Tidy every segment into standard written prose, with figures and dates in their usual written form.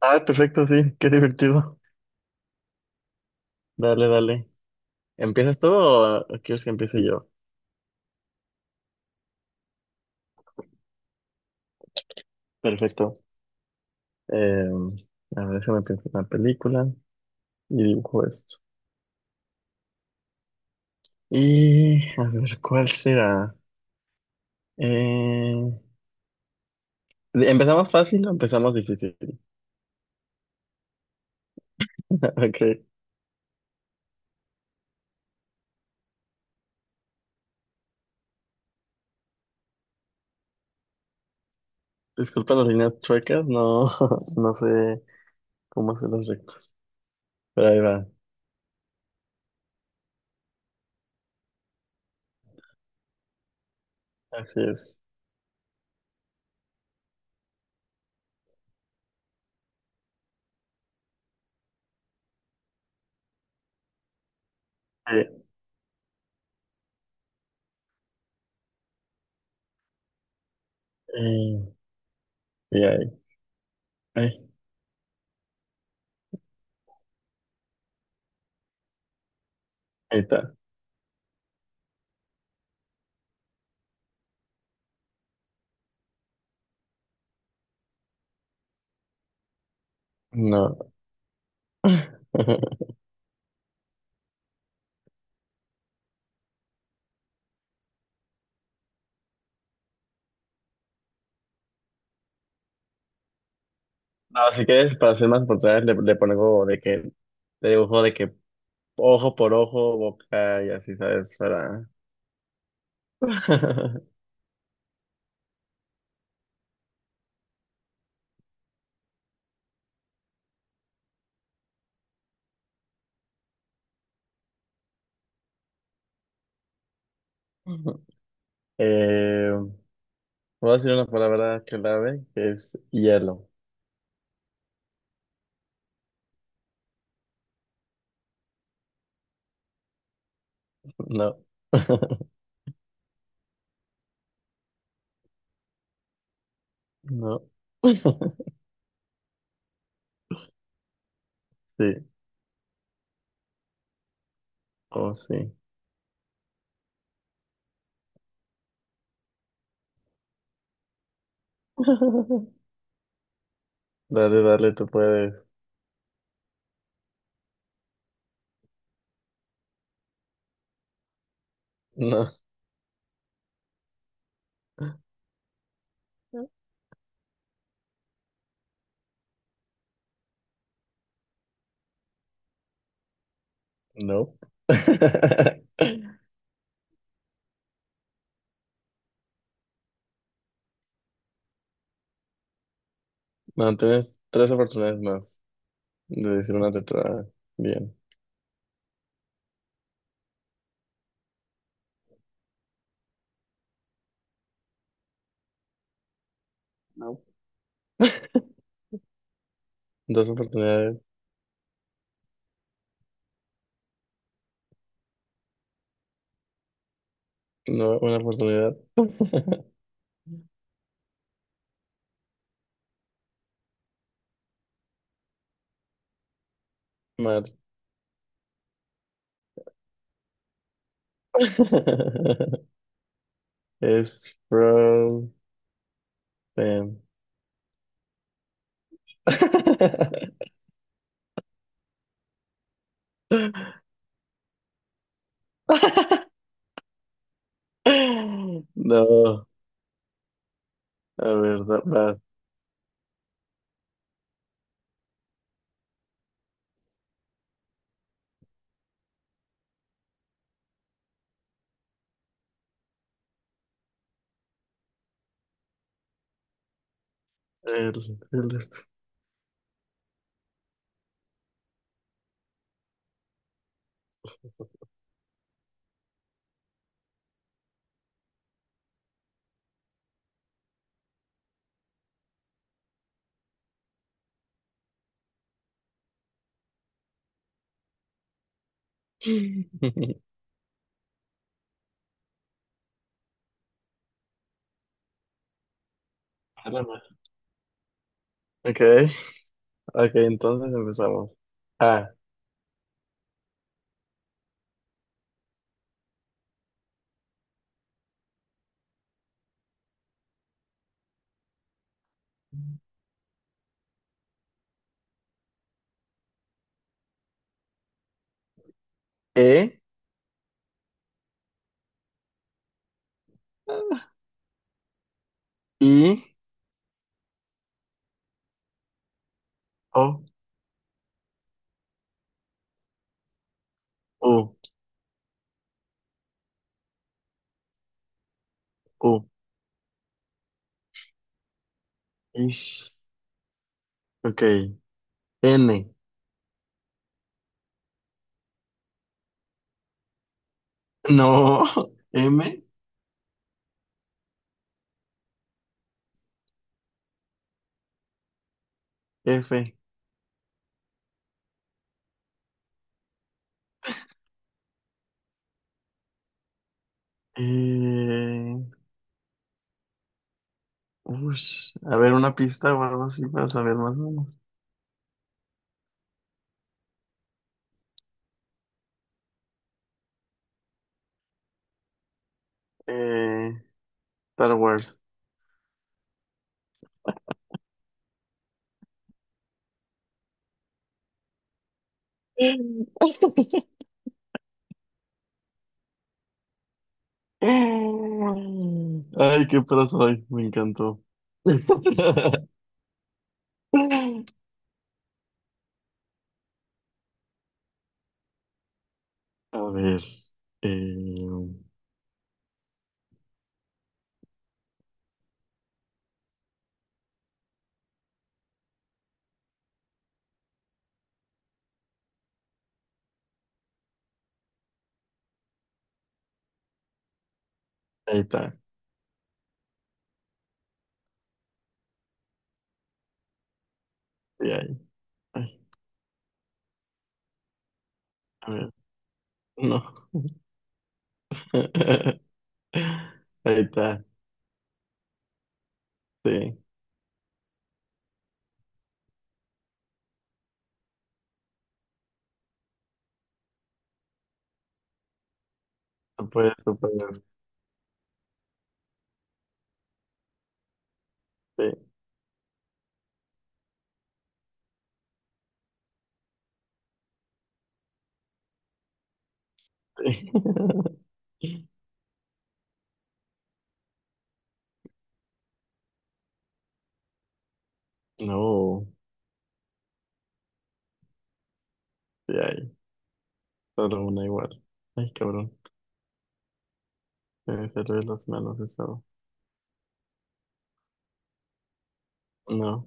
Ah, perfecto, sí, qué divertido. Dale, dale. ¿Empiezas tú o quieres que empiece yo? Perfecto. Eh, a ver, déjame pensar una película y dibujo esto. Y a ver, ¿cuál será? Eh, ¿Empezamos fácil o empezamos difícil? Ok, disculpa las líneas chuecas, no, no sé cómo hacer los rectos. Pero ahí va, así es. Eh, eh, y ahí, ahí está. No. No, si quieres, para ser más oportunidades, le pongo de que, le dibujo de que ojo por ojo, boca y así, ¿sabes? Para... eh, voy a decir una palabra clave que es hielo. No. No. Sí. Oh, sí. Dale, dale, tú puedes. No. No. No, tienes tres oportunidades más de decir una letra bien. No. Dos oportunidades. No, una oportunidad. Mal. Es from Sam. No, a ver, da- va. El, el- Espérame. Ok, ok, entonces empezamos. A, E, I, O, U, U, Ish. Ok, N, no, M, F, E, Ush, a ver, una pista o algo así para saber más o menos. Eh, Star Wars. Ay, qué pro soy, me encantó. A ver, eh, ahí está. Sí, ahí. Ay, a ver, no. Ahí está, sí. No puede, no puede, sí, sí. No, sí, ahí. Solo una igual. Ay, cabrón. Se me cerré las manos eso. No.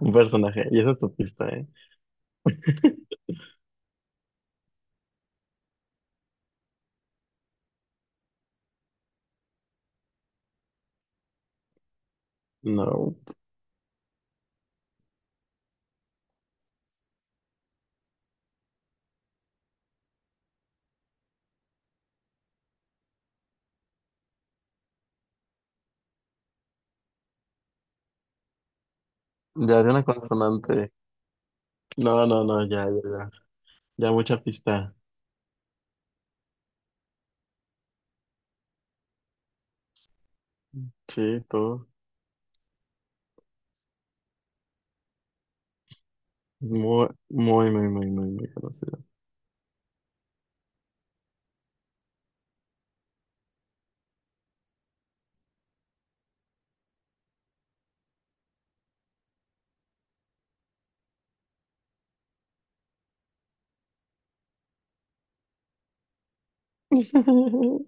Un personaje. Y esa es tu pista, ¿eh? No. Ya de una consonante. No, no, no, ya, ya, ya. Ya mucha pista. Sí, tú. Muy, muy, muy, muy, muy, muy conocido.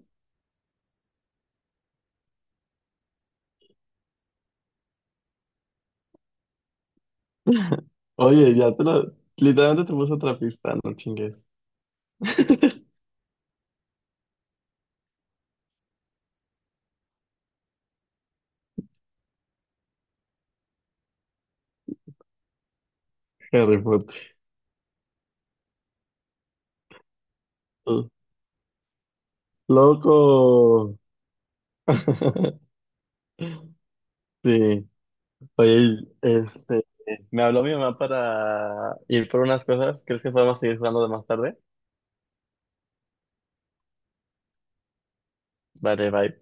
Oye, ya te lo... Literalmente te puse otra pista, no chingues. Harry Potter. ¡Loco! Sí. Oye, este... Me habló mi mamá para ir por unas cosas. ¿Crees que podemos seguir jugando de más tarde? Vale, bye.